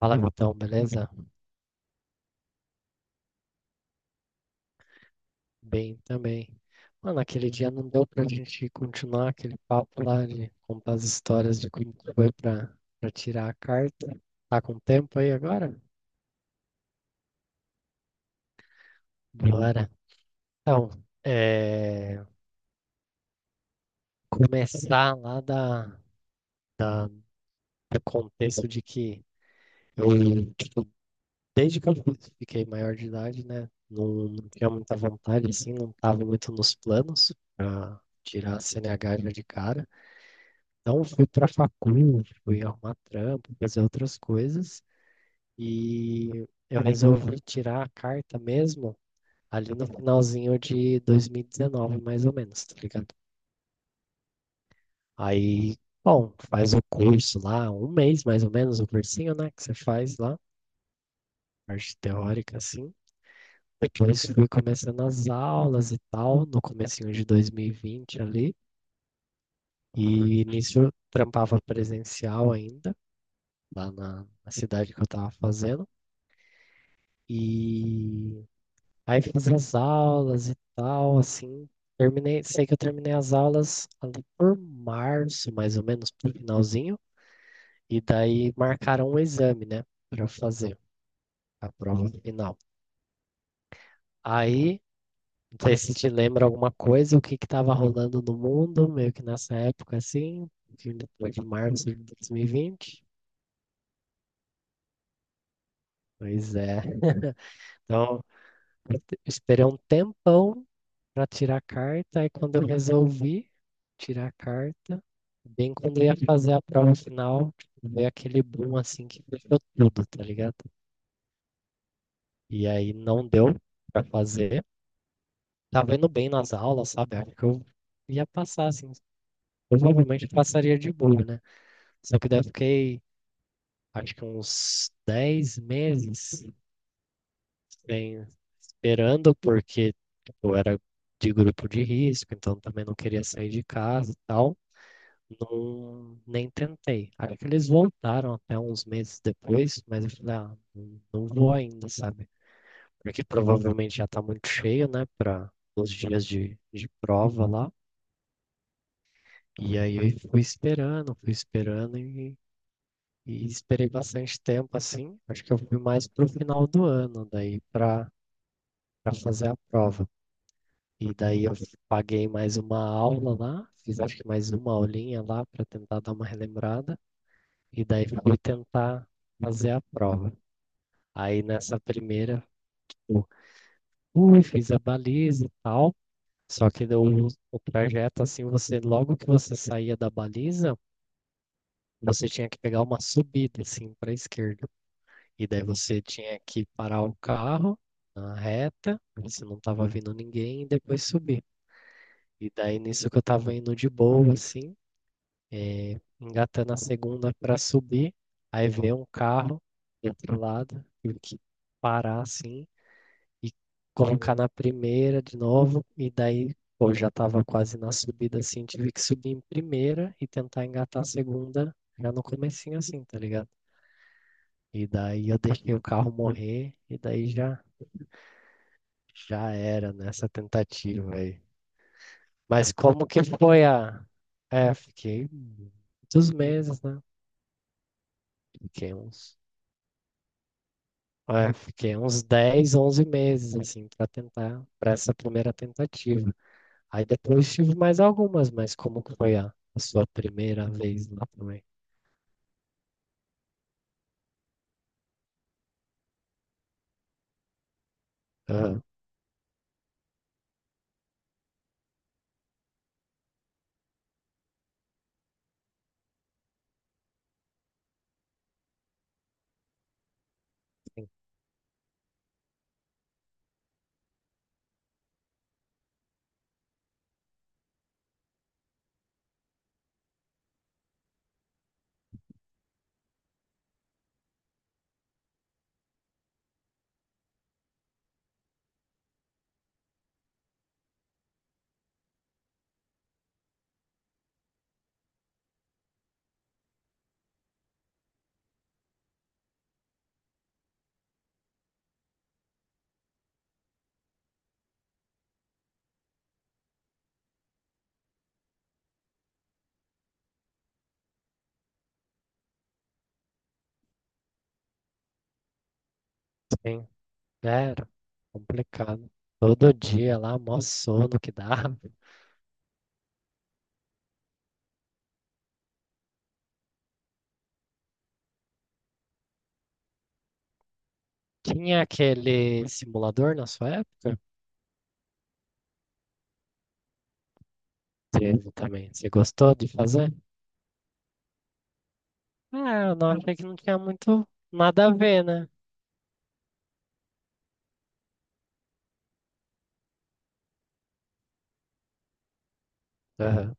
Fala, Vitão, beleza? Bem também. Mano, aquele dia não deu pra gente continuar aquele papo lá de contar as histórias de como que foi pra tirar a carta. Tá com tempo aí agora? Bora. Então, é, começar lá da, do contexto de que eu, tipo, desde que eu fiquei maior de idade, né? Não, não tinha muita vontade, assim, não tava muito nos planos pra tirar a CNH já de cara. Não fui para facul, fui arrumar trampo, fazer outras coisas. E eu resolvi tirar a carta mesmo ali no finalzinho de 2019, mais ou menos, tá ligado? Aí, bom, faz o curso lá, um mês mais ou menos, o cursinho, né, que você faz lá, parte teórica, assim. Depois fui começando as aulas e tal, no comecinho de 2020 ali. E nisso eu trampava presencial ainda, lá na cidade que eu tava fazendo. E aí fiz as aulas e tal, assim. Terminei, sei que eu terminei as aulas ali por março, mais ou menos, pro finalzinho. E daí marcaram um exame, né, pra eu fazer a prova final. Aí, não sei se te lembra alguma coisa, o que que tava rolando no mundo, meio que nessa época, assim, que depois de março de 2020. Pois é. Então, eu esperei um tempão para tirar a carta. Aí quando eu resolvi tirar a carta, bem quando eu ia fazer a prova final, tipo, veio aquele boom assim que fechou tudo, tá ligado? E aí não deu para fazer. Tava indo bem nas aulas, sabe? Acho que eu ia passar assim. Provavelmente passaria de boa, né? Só que daí eu fiquei, acho que uns 10 meses sem, esperando, porque eu era de grupo de risco, então também não queria sair de casa e tal. Não, nem tentei. Aí que eles voltaram até uns meses depois, mas eu falei, ah, não, não vou ainda, sabe? Porque provavelmente já tá muito cheio, né, para os dias de prova lá. E aí eu fui esperando e esperei bastante tempo, assim. Acho que eu fui mais pro final do ano, daí para fazer a prova. E daí eu paguei mais uma aula lá, fiz acho que mais uma aulinha lá para tentar dar uma relembrada. E daí fui tentar fazer a prova. Aí nessa primeira, eu fui, fiz a baliza e tal. Só que deu o trajeto, assim, você, logo que você saía da baliza, você tinha que pegar uma subida, assim, para a esquerda. E daí você tinha que parar o carro na reta, você não tava vindo ninguém, e depois subir. E daí nisso que eu tava indo de boa, assim, eh, engatando a segunda para subir, aí vem um carro do outro lado, tive que parar assim e colocar na primeira de novo, e daí pô, já estava quase na subida assim, tive que subir em primeira e tentar engatar a segunda já no comecinho assim, tá ligado? E daí eu deixei o carro morrer e daí já era nessa tentativa aí. Mas como que foi a... É, fiquei muitos meses, né? Fiquei uns fiquei uns 10, 11 meses, assim, para tentar, para essa primeira tentativa. Aí depois tive mais algumas, mas como que foi a sua primeira vez lá também? Ah, sim, sim, era complicado. Todo dia lá, mó sono que dava. Tinha aquele simulador na sua época? Teve também. Você gostou de fazer? Ah, eu não achei que não tinha muito nada a ver, né? Aham.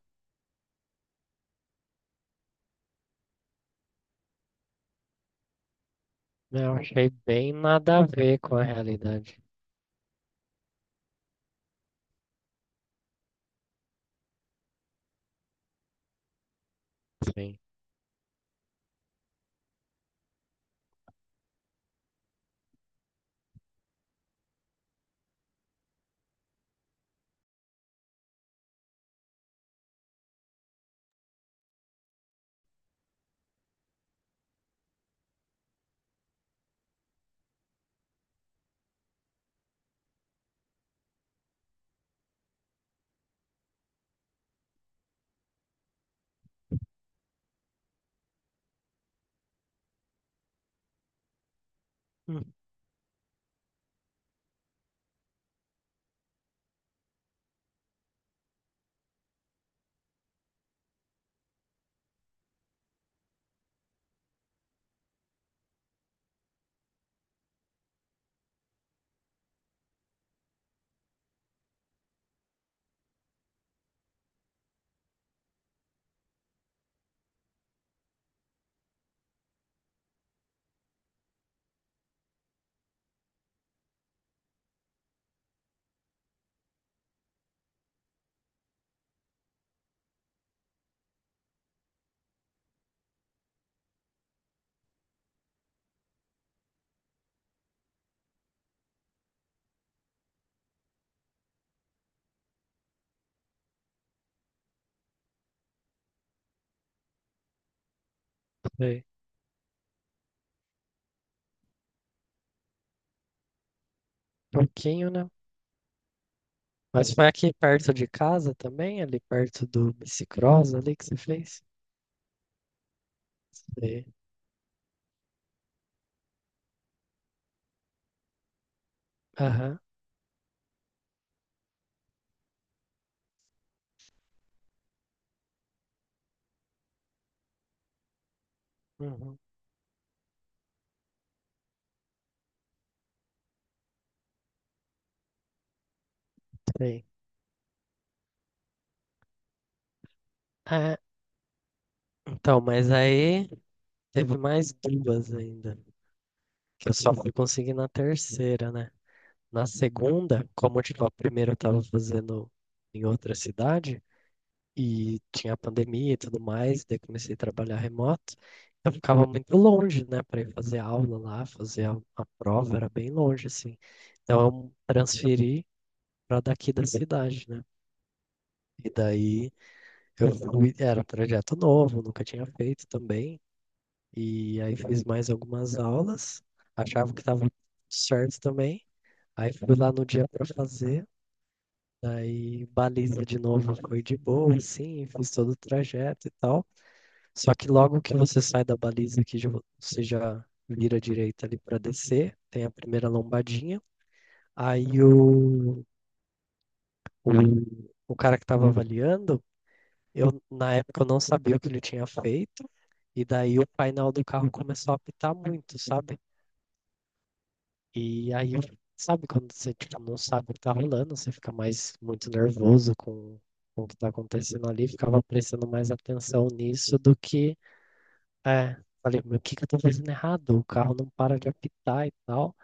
Eu achei bem nada a ver com a realidade. Sim. Sei. Pouquinho, né? Mas foi aqui perto de casa também, ali perto do bicicross ali que você fez? Sei. Aham. Uhum. Sei. Ah, então, mas aí teve mais duas ainda, que eu só fui conseguir na terceira, né? Na segunda, como tipo, a primeira eu tava fazendo em outra cidade, e tinha a pandemia e tudo mais, daí comecei a trabalhar remoto. Eu ficava muito longe, né, para ir fazer aula lá, fazer a prova, era bem longe, assim. Então eu transferi para daqui da cidade, né? E daí eu fui, era um projeto novo, nunca tinha feito também. E aí fiz mais algumas aulas, achava que estava certo também. Aí fui lá no dia para fazer, daí baliza de novo foi de boa, assim, fiz todo o trajeto e tal. Só que logo que você sai da baliza aqui, já você já vira à direita ali para descer, tem a primeira lombadinha. Aí o, o cara que estava avaliando, eu na época eu não sabia o que ele tinha feito, e daí o painel do carro começou a apitar muito, sabe? E aí, sabe quando você tipo, não sabe o que tá rolando, você fica mais muito nervoso com o que tá acontecendo ali, ficava prestando mais atenção nisso do que. É, falei, meu, o que que eu tô fazendo errado? O carro não para de apitar e tal,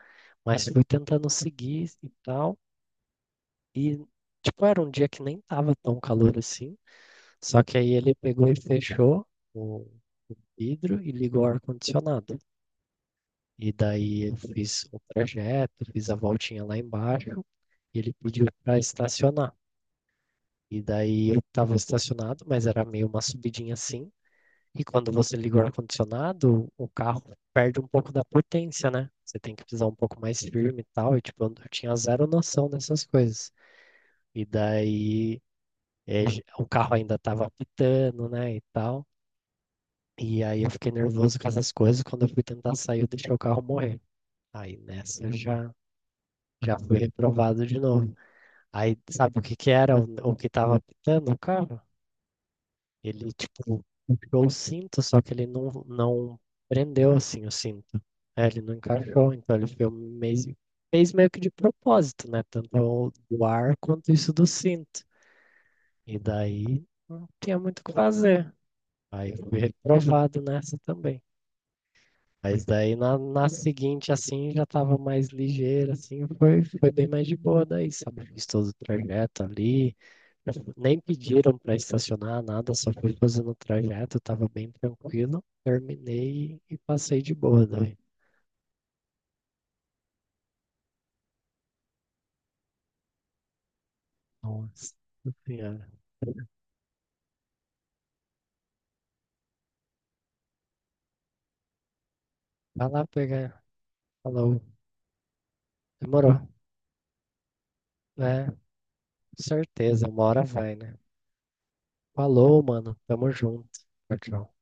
mas fui tentando seguir e tal, e tipo, era um dia que nem tava tão calor assim, só que aí ele pegou e fechou o vidro e ligou o ar-condicionado. E daí eu fiz o trajeto, fiz a voltinha lá embaixo, e ele pediu para estacionar. E daí eu tava estacionado, mas era meio uma subidinha assim, e quando você liga o ar-condicionado, o carro perde um pouco da potência, né? Você tem que pisar um pouco mais firme e tal. E, tipo, eu tinha zero noção dessas coisas. E daí, o carro ainda tava apitando, né? E tal. E aí eu fiquei nervoso com essas coisas. Quando eu fui tentar sair, eu deixei o carro morrer. Aí nessa eu já fui reprovado de novo. Aí, sabe o que que era o que tava apitando o carro? Ele, tipo, puxou o cinto, só que ele não prendeu, assim, o cinto. É, ele não encaixou, então ele meio, fez meio que de propósito, né? Tanto o do ar quanto isso do cinto. E daí não tinha muito o que fazer. Aí eu fui reprovado nessa também. Mas daí na seguinte, assim, já tava mais ligeiro, assim, foi bem mais de boa daí, sabe? Fiz todo o trajeto ali, nem pediram para estacionar nada, só fui fazendo o trajeto, tava bem tranquilo. Terminei e passei de boa daí. Nossa senhora. Vai lá pegar. Falou. Demorou. É, certeza, uma hora vai, né? Falou, mano. Tamo junto. Tchau, tchau.